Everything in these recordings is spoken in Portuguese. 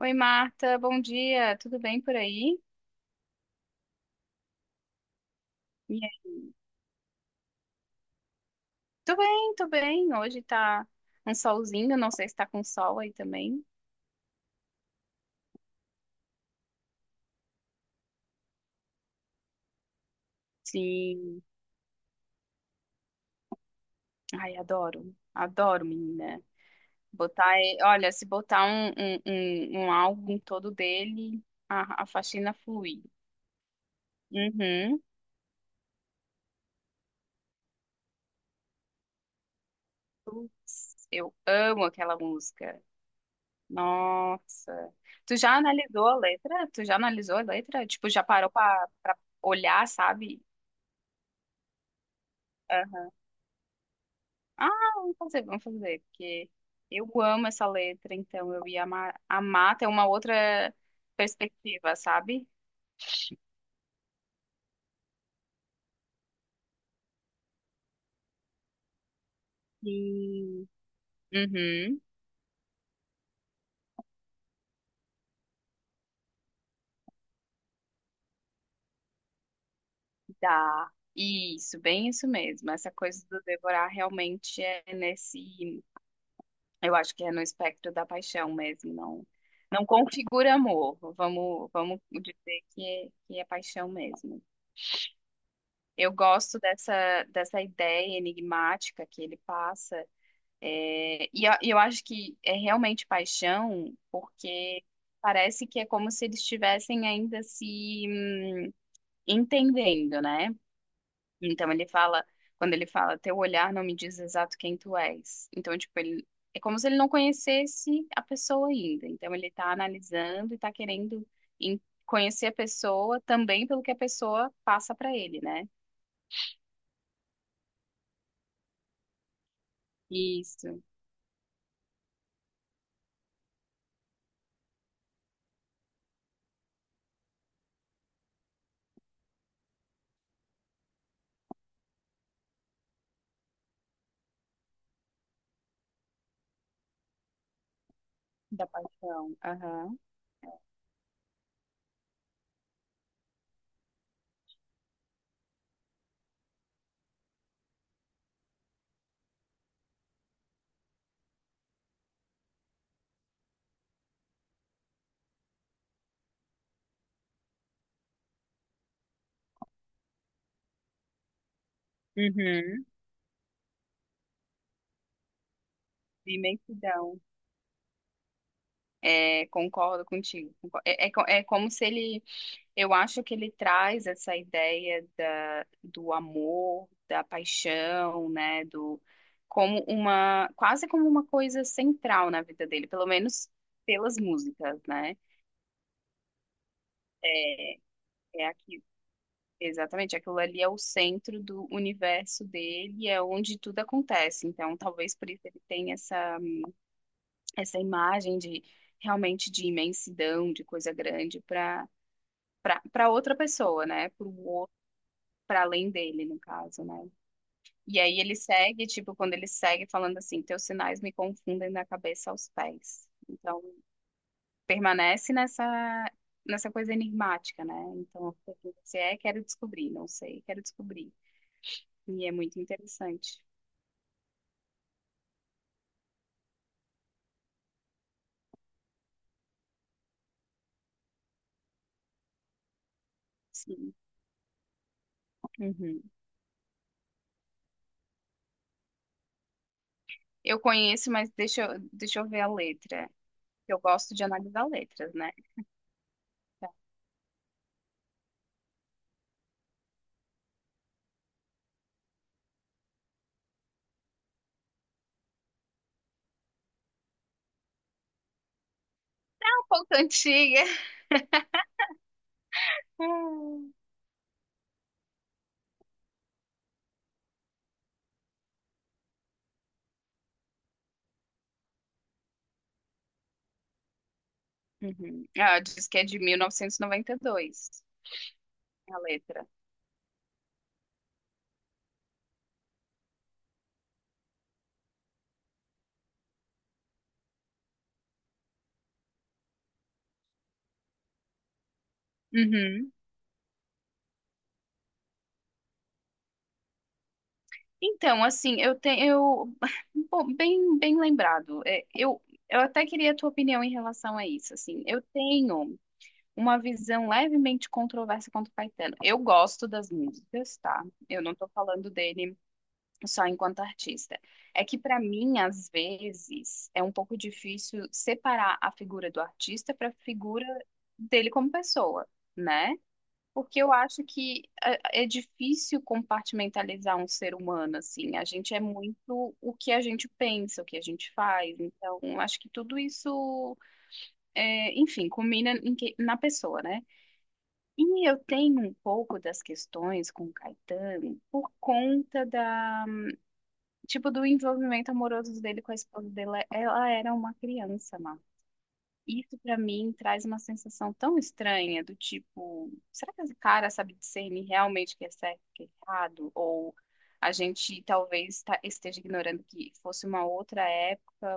Oi, Marta, bom dia. Tudo bem por aí? E aí? Tô bem, tô bem. Hoje tá um solzinho, não sei se tá com sol aí também. Sim. Ai, adoro. Adoro, menina. Botar, olha, se botar um álbum todo dele, a faxina flui. Uhum. Putz, eu amo aquela música. Nossa. Tu já analisou a letra? Tu já analisou a letra? Tipo, já parou pra olhar, sabe? Ah, vamos fazer, porque eu amo essa letra, então eu ia amar ter uma outra perspectiva, sabe? Sim. Uhum, dá. Isso, bem isso mesmo. Essa coisa do devorar realmente é nesse, eu acho que é no espectro da paixão mesmo, não, não configura amor. Vamos dizer que é paixão mesmo. Eu gosto dessa ideia enigmática que ele passa. É, e eu acho que é realmente paixão, porque parece que é como se eles estivessem ainda se entendendo, né? Então ele fala, quando ele fala, teu olhar não me diz exato quem tu és. Então, tipo, ele, é como se ele não conhecesse a pessoa ainda. Então ele tá analisando e tá querendo em- conhecer a pessoa também pelo que a pessoa passa pra ele, né? Isso, da paixão. Aham. Uhum. Imensidão. É, concordo contigo. É, é, é como se ele, eu acho que ele traz essa ideia da, do amor, da paixão, né, do como uma, quase como uma coisa central na vida dele, pelo menos pelas músicas, né? É, é aqui, exatamente, aquilo ali é o centro do universo dele, é onde tudo acontece. Então, talvez por isso ele tenha essa imagem de realmente de imensidão, de coisa grande para outra pessoa, né? Para outro, para além dele, no caso, né? E aí ele segue, tipo, quando ele segue falando assim, teus sinais me confundem da cabeça aos pés. Então, permanece nessa coisa enigmática, né? Então, o que você é, quero descobrir, não sei, quero descobrir. E é muito interessante. Sim. Uhum. Eu conheço, mas deixa, deixa eu ver a letra. Eu gosto de analisar letras, né? É um pouco antiga. Uhum. Ah, diz que é de 1992, a letra. Uhum. Então, assim, eu, tenho, eu, bom, bem lembrado. É, eu, até queria a tua opinião em relação a isso. Assim, eu tenho uma visão levemente controversa quanto o Caetano. Eu gosto das músicas, tá? Eu não tô falando dele só enquanto artista. É que para mim, às vezes, é um pouco difícil separar a figura do artista para a figura dele como pessoa, né? Porque eu acho que é difícil compartimentalizar um ser humano, assim. A gente é muito o que a gente pensa, o que a gente faz. Então, acho que tudo isso, é, enfim, combina em na pessoa, né? E eu tenho um pouco das questões com o Caetano por conta da, tipo, do envolvimento amoroso dele com a esposa dele. Ela era uma criança, Marcos. Isso pra mim traz uma sensação tão estranha do tipo, será que esse cara sabe discernir realmente o que é certo e o que é errado? Ou a gente talvez esteja ignorando que fosse uma outra época,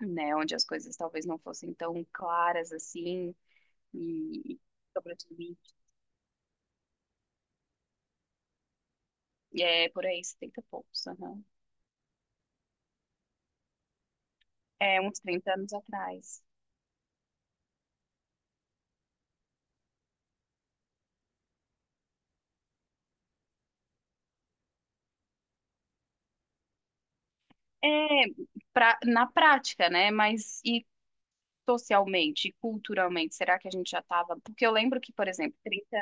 né, onde as coisas talvez não fossem tão claras assim e sobre isso. E é por aí, 70 e poucos, aham. É uns 30 anos atrás. É, pra, na prática, né? Mas e socialmente, e culturalmente, será que a gente já estava? Porque eu lembro que, por exemplo, trinta.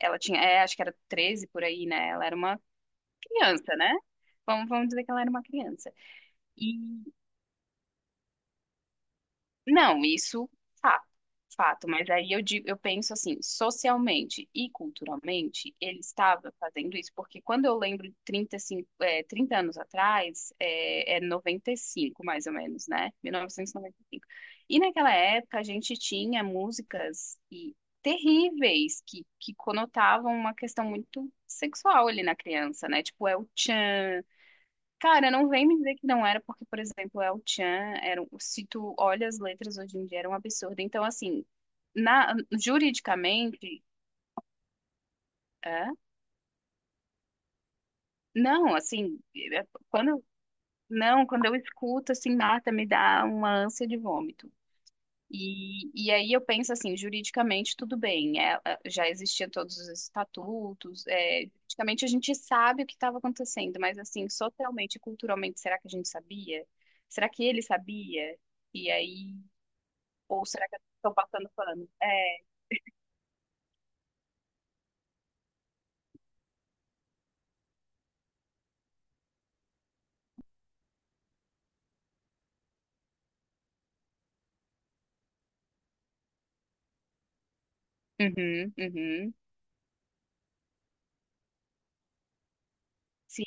Ela tinha, é, acho que era 13 por aí, né? Ela era uma criança, né? Vamos dizer que ela era uma criança. Não, isso, fato, fato. Mas aí eu digo, eu penso assim, socialmente e culturalmente, ele estava fazendo isso, porque quando eu lembro de 35, é, 30 anos atrás, é 95 mais ou menos, né? 1995. E noventa e cinco. E naquela época a gente tinha músicas e terríveis que conotavam uma questão muito sexual ali na criança, né? Tipo, é o tchan. Cara, não vem me dizer que não era, porque, por exemplo, El Chan, era, se tu olha as letras hoje em dia, era um absurdo. Então, assim, na, juridicamente, é? Não, assim, quando, não, quando eu escuto, assim, Marta, me dá uma ânsia de vômito. E aí eu penso assim, juridicamente tudo bem, já existiam todos os estatutos, é, juridicamente a gente sabe o que estava acontecendo, mas assim, socialmente e culturalmente, será que a gente sabia? Será que ele sabia? E aí Ou será que estão passando pano? É. Uhum, uhum. Sim,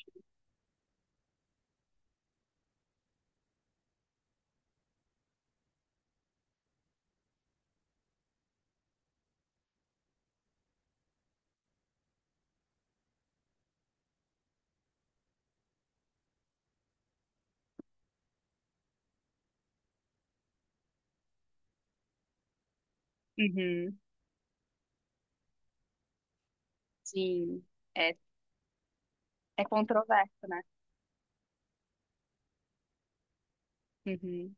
uhum, sim. É, é controverso, né? Uhum.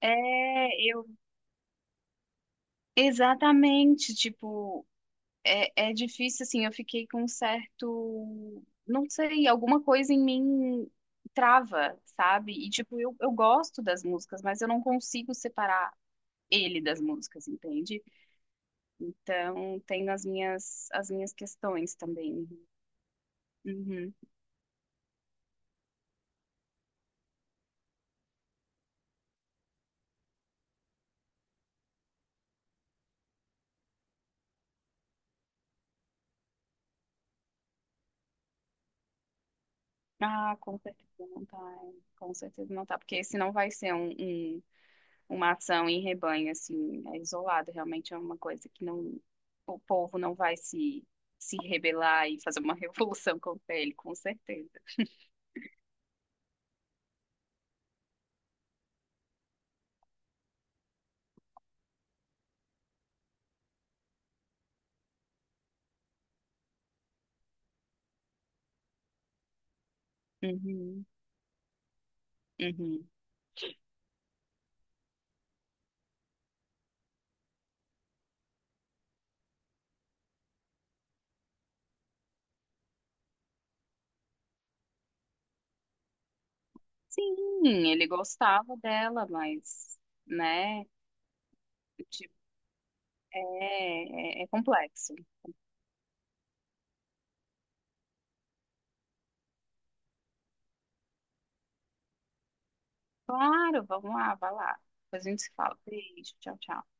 É, eu. Exatamente, tipo, é difícil, assim, eu fiquei com um certo. Não sei, alguma coisa em mim trava, sabe? E, tipo, eu gosto das músicas, mas eu não consigo separar ele das músicas, entende? Então, tem as minhas questões também. Uhum. Ah, com certeza não tá. Hein? Com certeza não tá, porque senão vai ser uma ação em rebanho, assim, é isolado. Realmente é uma coisa que não, o povo não vai se rebelar e fazer uma revolução contra ele, com certeza. Uhum, uhum. Sim, ele gostava dela, mas, né, tipo, é, é complexo. Claro, vamos lá, vai lá. Depois a gente se fala. Beijo, tchau, tchau.